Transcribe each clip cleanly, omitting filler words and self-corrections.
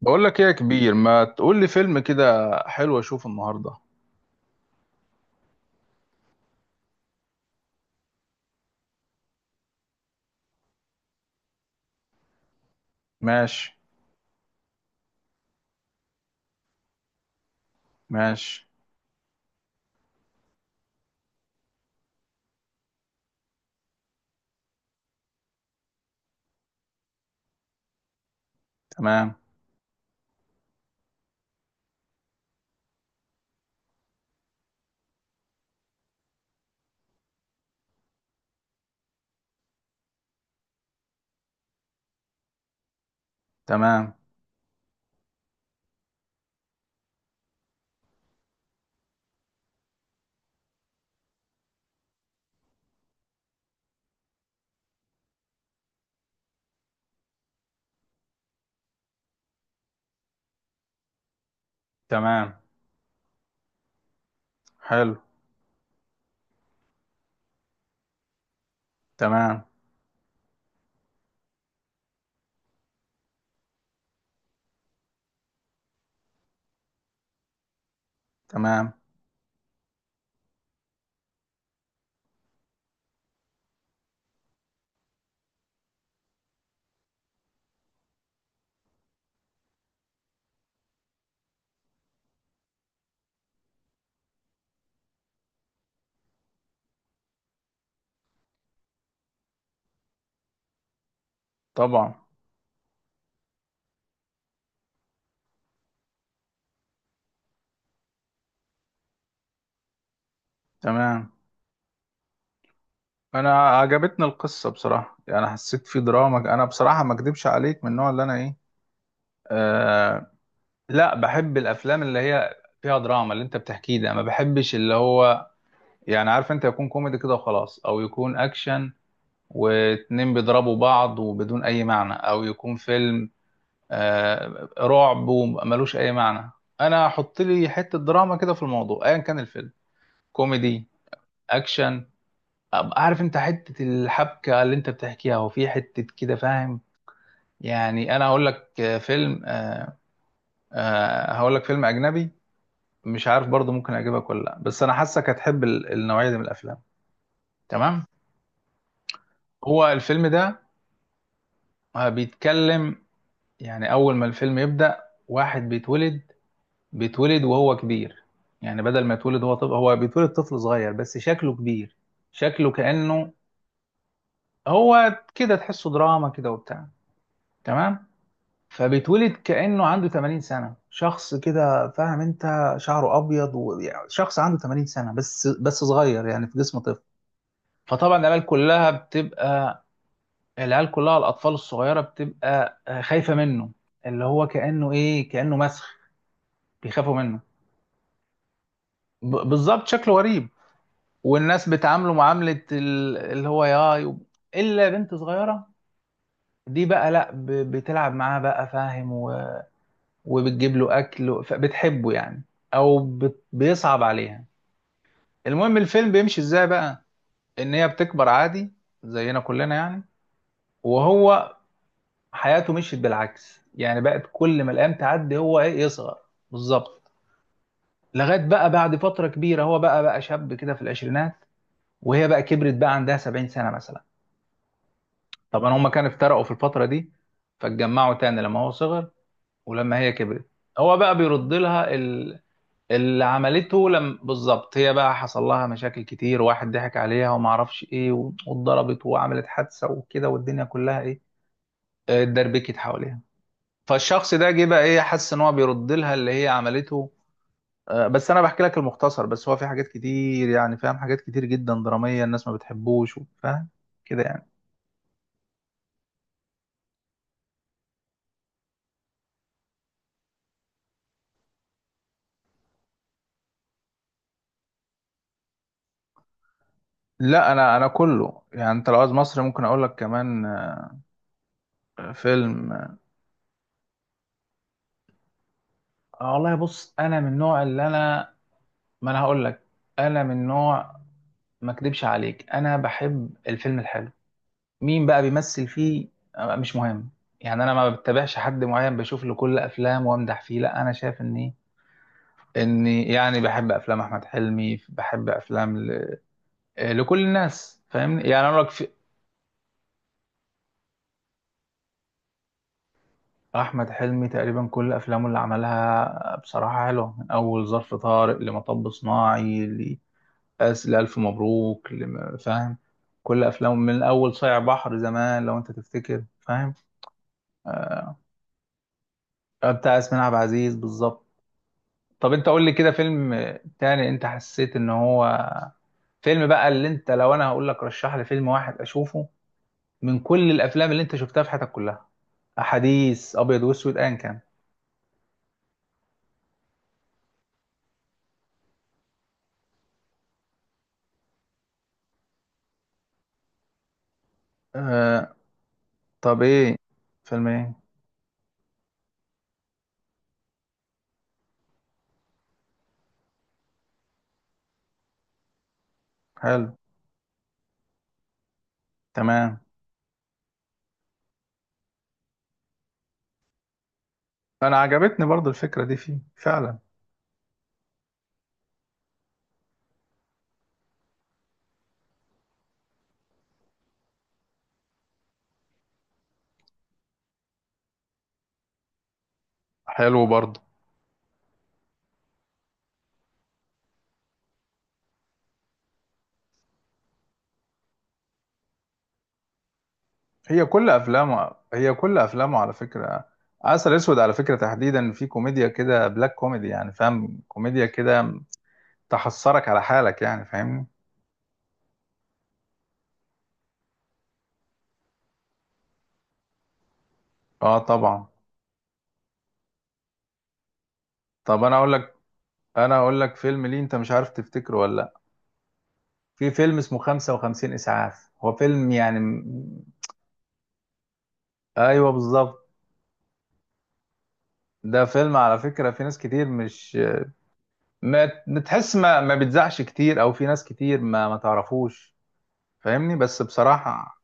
بقول لك ايه يا كبير، ما تقول لي فيلم كده حلو اشوفه النهارده؟ ماشي. ماشي. تمام. تمام. تمام. حلو. تمام. تمام. طبعا. تمام. انا عجبتني القصه بصراحه، يعني حسيت في دراما، انا بصراحه ما اكدبش عليك من النوع اللي انا ايه. آه لا، بحب الافلام اللي هي فيها دراما، اللي انت بتحكيه ده. ما بحبش اللي هو يعني، عارف انت، يكون كوميدي كده وخلاص، او يكون اكشن واتنين بيضربوا بعض وبدون اي معنى، او يكون فيلم رعب وملوش اي معنى. انا احط لي حته دراما كده في الموضوع ايا كان الفيلم، كوميدي، اكشن، أبقى عارف انت حته الحبكه اللي انت بتحكيها وفي حته كده، فاهم؟ يعني انا هقول لك فيلم هقول لك فيلم اجنبي، مش عارف برضه ممكن اعجبك ولا لا، بس انا حاسك هتحب النوعيه دي من الافلام. تمام. هو الفيلم ده بيتكلم، يعني اول ما الفيلم يبدا، واحد بيتولد وهو كبير، يعني بدل ما يتولد هو طفل، هو بيتولد طفل صغير بس شكله كبير، شكله كأنه. هو كده تحسه دراما كده وبتاع. تمام. فبيتولد كأنه عنده 80 سنة، شخص كده، فاهم انت، شعره ابيض يعني شخص عنده 80 سنة بس صغير، يعني في جسم طفل. فطبعا العيال كلها الاطفال الصغيرة بتبقى خايفة منه، اللي هو كأنه ايه، كأنه مسخ، بيخافوا منه. بالظبط، شكله غريب، والناس بتعامله معاملة اللي هو إلا بنت صغيرة، دي بقى لأ، بتلعب معاه بقى، فاهم، وبتجيب له أكل فبتحبه يعني، أو بيصعب عليها. المهم الفيلم بيمشي إزاي بقى، إن هي بتكبر عادي زينا كلنا يعني، وهو حياته مشيت بالعكس، يعني بقت كل ما الأيام تعدي هو إيه، يصغر، بالظبط. لغاية بقى بعد فترة كبيرة هو بقى شاب كده في العشرينات، وهي بقى كبرت، بقى عندها 70 سنة مثلا. طبعا هما كانوا افترقوا في الفترة دي، فاتجمعوا تاني لما هو صغر ولما هي كبرت. هو بقى بيرد لها اللي عملته. لم... بالظبط، هي بقى حصل لها مشاكل كتير، واحد ضحك عليها وما اعرفش ايه، واتضربت وعملت حادثة وكده، والدنيا كلها ايه، اتدربكت حواليها. فالشخص ده جه بقى ايه، حس ان هو بيرد لها اللي هي عملته. بس انا بحكي لك المختصر بس، هو في حاجات كتير، يعني فاهم، حاجات كتير جدا درامية، الناس ما بتحبوش، فاهم، كده يعني. لا، انا كله يعني، انت لو عايز مصري ممكن اقول لك كمان فيلم. والله بص، انا من النوع اللي انا، ما انا هقول لك، انا من نوع، ما اكدبش عليك، انا بحب الفيلم الحلو، مين بقى بيمثل فيه مش مهم، يعني انا ما بتابعش حد معين بشوف له كل افلام وامدح فيه، لا، انا شايف ان ايه، اني يعني بحب افلام احمد حلمي، بحب افلام ل... آه، لكل الناس، فاهمني، يعني اقول لك. احمد حلمي تقريبا كل افلامه اللي عملها بصراحه حلوه، من اول ظرف طارق، لمطب صناعي، لألف مبروك، فاهم، كل افلامه من اول صايع بحر، زمان لو انت تفتكر، فاهم؟ بتاع ياسمين عبد العزيز، بالظبط. طب انت قول لي كده فيلم تاني، انت حسيت ان هو فيلم بقى، اللي انت، لو انا هقول لك رشح لي فيلم واحد اشوفه من كل الافلام اللي انت شفتها في حياتك كلها، احاديث، ابيض واسود، ايا كان. أه. طب ايه، فيلم ايه؟ حلو. تمام. انا عجبتني برضو الفكره دي فيه فعلا. حلو برضو. هي كل افلامه على فكره، عسل اسود على فكره تحديدا، في كوميديا كده، بلاك كوميدي يعني، فاهم، كوميديا كده تحسرك على حالك يعني، فاهمني؟ اه، طبعا. طب انا اقول لك، انا اقول لك فيلم، ليه انت مش عارف تفتكره ولا لا. في فيلم اسمه 55 اسعاف، هو فيلم يعني ايوه بالظبط. ده فيلم على فكره في ناس كتير مش، ما بتحس، ما بتزعش كتير، او في ناس كتير ما تعرفوش، فاهمني، بس بصراحة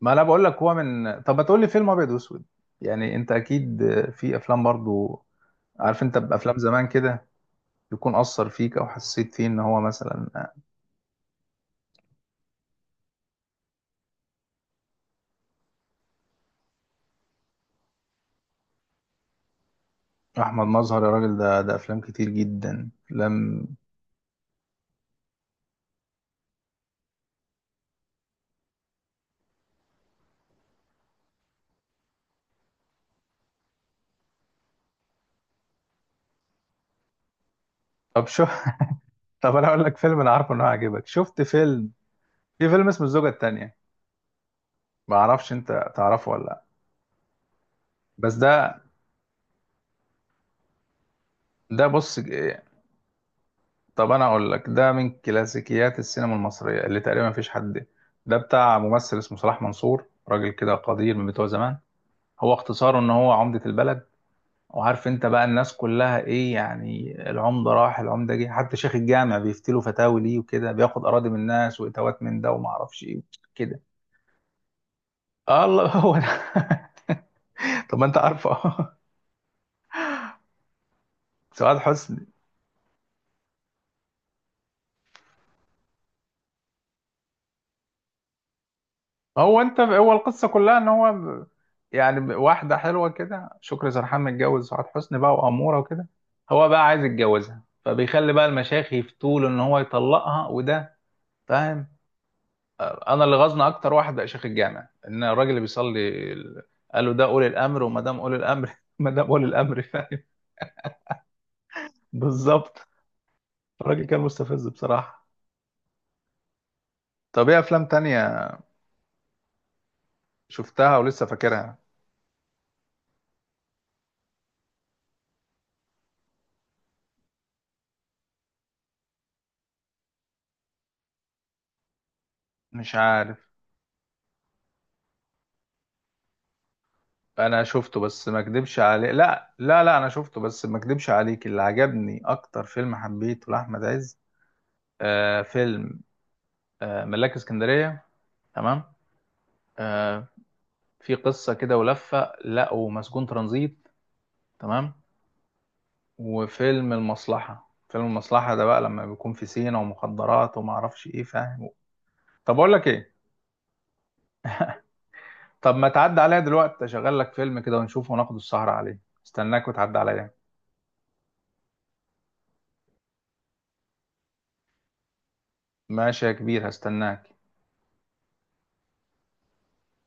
ما انا بقول لك، هو من، طب ما تقول لي فيلم ابيض واسود، يعني انت اكيد في افلام برضو، عارف انت، بافلام زمان كده يكون اثر فيك، او حسيت فيه ان هو مثلا. احمد مظهر يا راجل، ده افلام كتير جدا، لم. طب شو. طب انا اقول لك فيلم انا عارفه انه هيعجبك. شفت فيلم في فيلم اسمه الزوجة التانية، ما اعرفش انت تعرفه ولا لا، بس ده. بص، طب انا اقول لك، ده من كلاسيكيات السينما المصريه اللي تقريبا مفيش حد، ده بتاع ممثل اسمه صلاح منصور، راجل كده قدير من بتوع زمان. هو اختصاره ان هو عمده البلد، وعارف انت بقى الناس كلها ايه، يعني العمده راح العمده جه، حتى شيخ الجامع بيفتلوا فتاوي ليه وكده، بياخد اراضي من الناس واتاوات من ده وما اعرفش ايه كده. الله، هو ده. طب ما انت عارفه. سعاد حسني. هو انت، هو القصه كلها ان هو يعني واحده حلوه كده شكري سرحان متجوز سعاد حسني بقى، واموره وكده، هو بقى عايز يتجوزها، فبيخلي بقى المشايخ يفتوا له ان هو يطلقها وده، فاهم. انا اللي غاظنا اكتر واحد شيخ الجامع، ان الراجل اللي بيصلي قال له ده اولي الامر، وما دام اولي الامر ما دام اولي الامر فاهم، بالظبط. الراجل كان مستفز بصراحه. طب ايه افلام تانية شفتها ولسه فاكرها؟ مش عارف. انا شفته، بس ما اكدبش عليه، لا، لا، لا، انا شفته بس ما اكدبش عليك، اللي عجبني اكتر فيلم حبيته لاحمد عز فيلم، ملاك اسكندريه. تمام. آه في قصه كده ولفه لقوا مسجون ترانزيت. تمام. وفيلم المصلحه، فيلم المصلحه ده بقى لما بيكون في سينا ومخدرات وما اعرفش ايه، فاهم. طب اقول لك ايه، طب ما تعدي عليا دلوقتي اشغل لك فيلم كده ونشوفه وناخد السهره عليه، استناك وتعدي عليا. ماشي يا كبير، هستناك.